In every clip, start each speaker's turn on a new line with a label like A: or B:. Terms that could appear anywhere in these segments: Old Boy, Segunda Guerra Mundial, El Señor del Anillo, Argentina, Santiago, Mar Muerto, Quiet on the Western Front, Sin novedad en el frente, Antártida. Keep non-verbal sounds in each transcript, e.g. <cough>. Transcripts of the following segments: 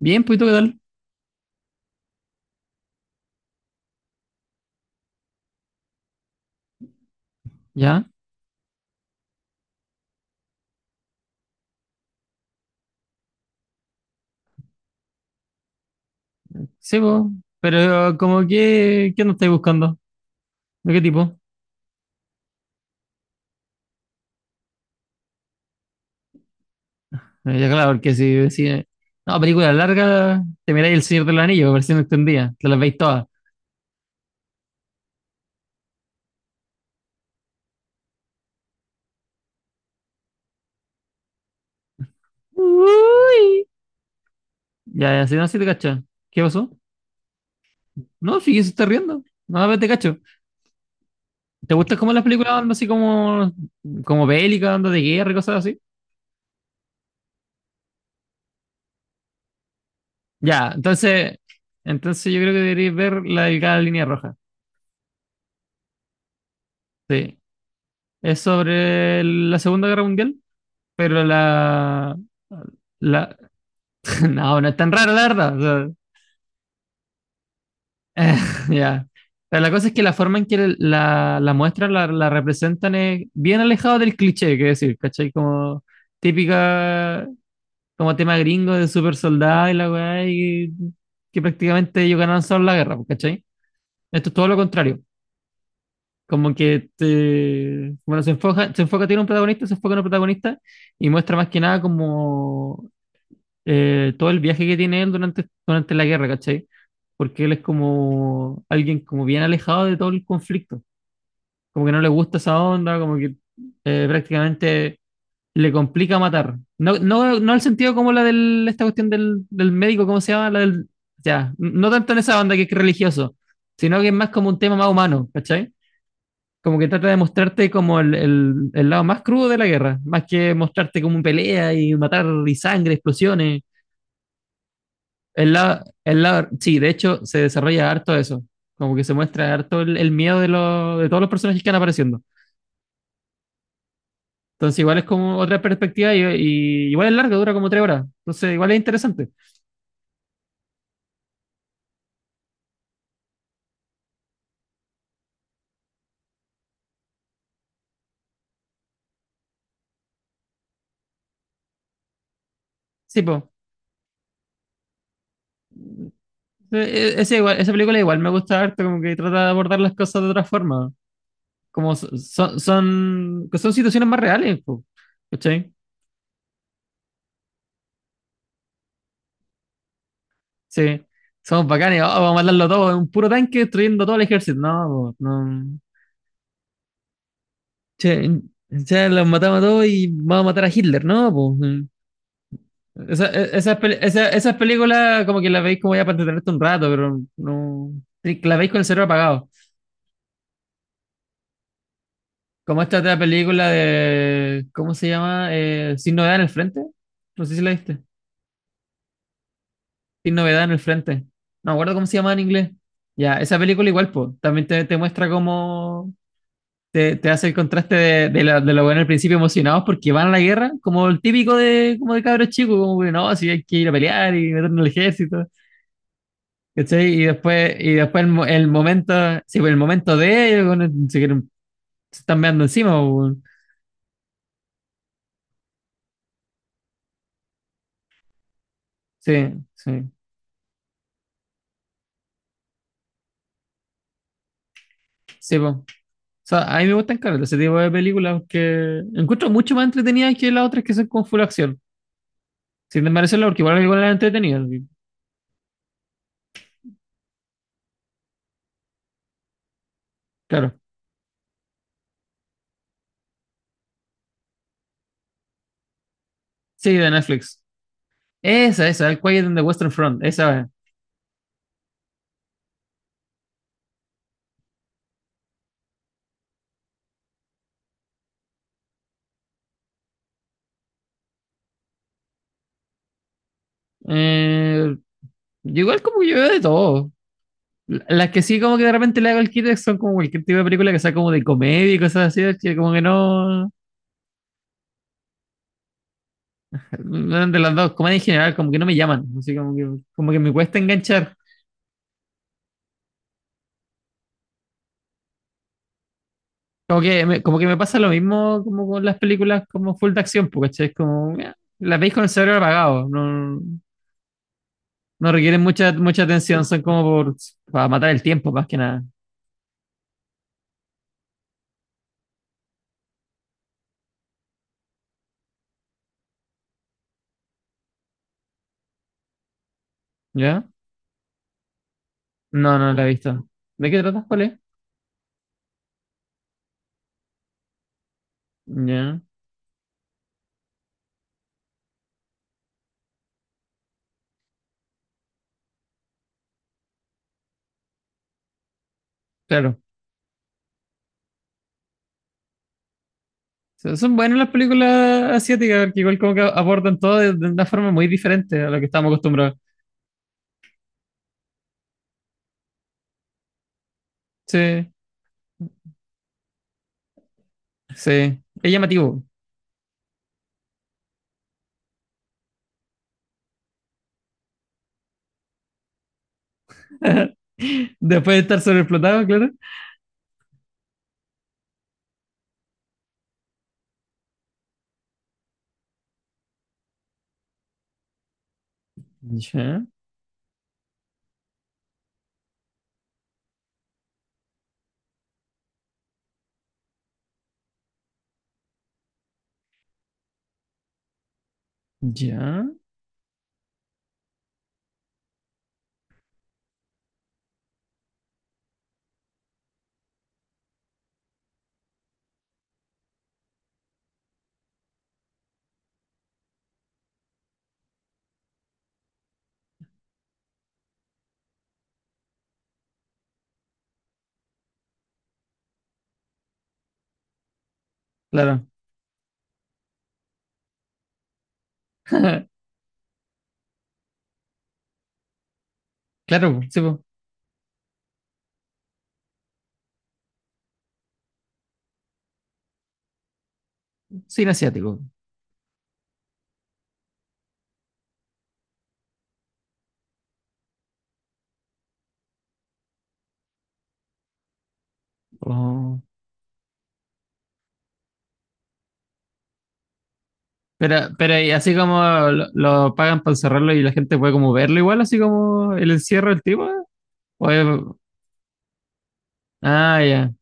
A: Bien, pues, ¿y tú qué tal? Ya. Sí, pues. Pero, como que, ¿qué no estáis buscando? ¿De qué tipo? Ya, claro, porque si no, película larga, te miráis El Señor del Anillo, versión extendida, te las veis todas. Uy. Ya, si no, si te cachas. ¿Qué pasó? No, sí, se está riendo. No, pero te cacho. ¿Te gustan como las películas onda así como, como bélicas, onda de guerra y cosas así? Ya, entonces yo creo que deberíais ver la delgada línea roja. Sí. Es sobre la Segunda Guerra Mundial. Pero la, <laughs> no, no es tan raro, la verdad. O sea, <laughs> ya. Pero la cosa es que la forma en que la muestra la representan es bien alejado del cliché, que decir, ¿cachai? Como típica, como tema gringo de super soldado y la weá, y que prácticamente ellos ganaron solo la guerra, pues, ¿cachai? Esto es todo lo contrario. Como que te, bueno, se enfoca en un protagonista y muestra más que nada como todo el viaje que tiene él durante la guerra, ¿cachai? Porque él es como alguien como bien alejado de todo el conflicto, como que no le gusta esa onda, como que prácticamente le complica matar. No, no, no el sentido como la de esta cuestión del médico, ¿cómo se llama? La del, ya, no tanto en esa onda que es religioso, sino que es más como un tema más humano, ¿cachai? Como que trata de mostrarte como el lado más crudo de la guerra, más que mostrarte como un pelea y matar y sangre, explosiones. Sí, de hecho se desarrolla harto eso, como que se muestra harto el miedo de, los de todos los personajes que van apareciendo. Entonces igual es como otra perspectiva y igual es larga, dura como tres horas. Entonces igual es interesante. Sí, pues. Esa película igual me gusta harto, como que trata de abordar las cosas de otra forma. Como que son situaciones más reales, po, ¿cachai? Sí. Somos bacanes, oh, vamos a matarlo todo, un puro tanque destruyendo todo el ejército. No, po, no. Che, ya los matamos a todos y vamos a matar a Hitler, ¿no? Pues, esas películas como que las veis como ya para entretenerte un rato, pero no... Las veis con el cerebro apagado. Como esta otra película de... ¿Cómo se llama? Sin novedad en el frente. No sé si la viste. Sin novedad en el frente. No me acuerdo cómo se llama en inglés. Ya, esa película igual, pues, también te muestra cómo, te hace el contraste de lo bueno al principio emocionados porque van a la guerra, como el típico de, como de cabros chicos, como que no, si hay que ir a pelear y meternos al ejército, ¿cachai? Y después el momento, sí, pues el momento de ellos, bueno, se, quieren- se están meando encima, pues, bueno. Sí, sí, sí, pues. O sea, a mí me gustan claro, ese tipo de películas que encuentro mucho más entretenidas que las otras que son con full acción. Sin desmerecerla, porque igual algunas las entretenidas, y- claro. Sí, de Netflix. El Quiet on the Western Front, esa, Eh, yo igual como que yo veo de todo. L- las que sí como que de repente le hago el kit son como cualquier tipo de película que sea como de comedia y cosas así, que como que no... No, de las dos, comedia en general, como que no me llaman. Así como que me cuesta enganchar. Como que me pasa lo mismo como con las películas como full de acción, porque es como... las veis con el cerebro apagado. No, no requieren mucha atención, son como por, para matar el tiempo más que nada. ¿Ya? No, no la he visto. ¿De qué tratas, cuál es? Ya, claro. Son buenas las películas asiáticas, porque igual como que abordan todo de una forma muy diferente a lo que estamos acostumbrados. Sí, sí. Es llamativo. <laughs> Después de estar sobreexplotado, claro. Ya, ya. Claro. <laughs> Claro, sí, po. Cine asiático. Oh. Pero y así como lo pagan para encerrarlo y la gente puede como verlo igual, así como el encierro del tipo. ¿O es- ah, ya.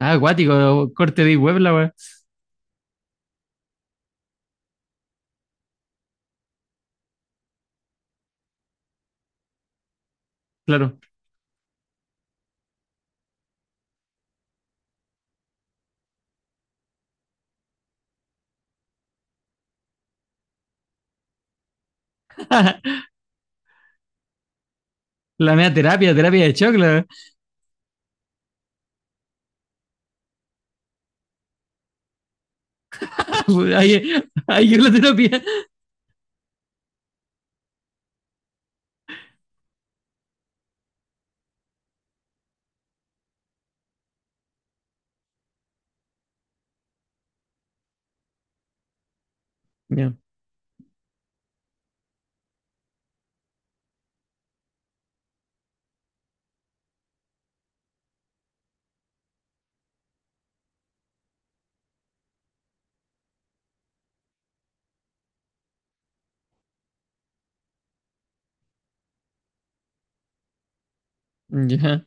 A: Ah, acuático, corte de web la wea. Claro. <laughs> La media terapia, terapia de choc, la ahí, ahí llegó la terapia. Ya, ya,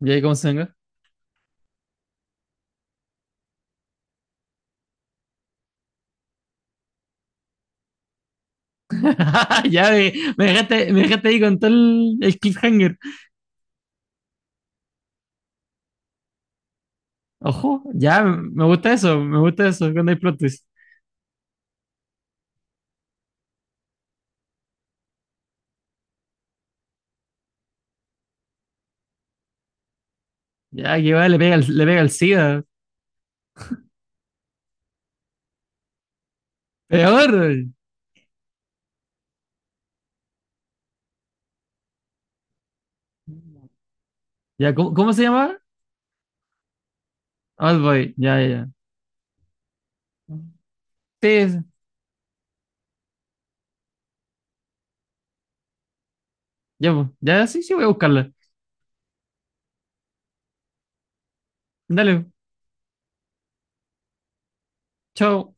A: ya, ¿Cómo se venga? <laughs> Ya, me dejaste ahí con todo el cliffhanger. Ojo, ya, me gusta eso cuando hay plot twist. Ya, que va, le pega, le pega el SIDA. Peor. Ya, ¿cómo se llama? Old Boy, ya, ya, ya. Sí, ya, pues, ya, sí, sí, voy a buscarla. Dale, chao.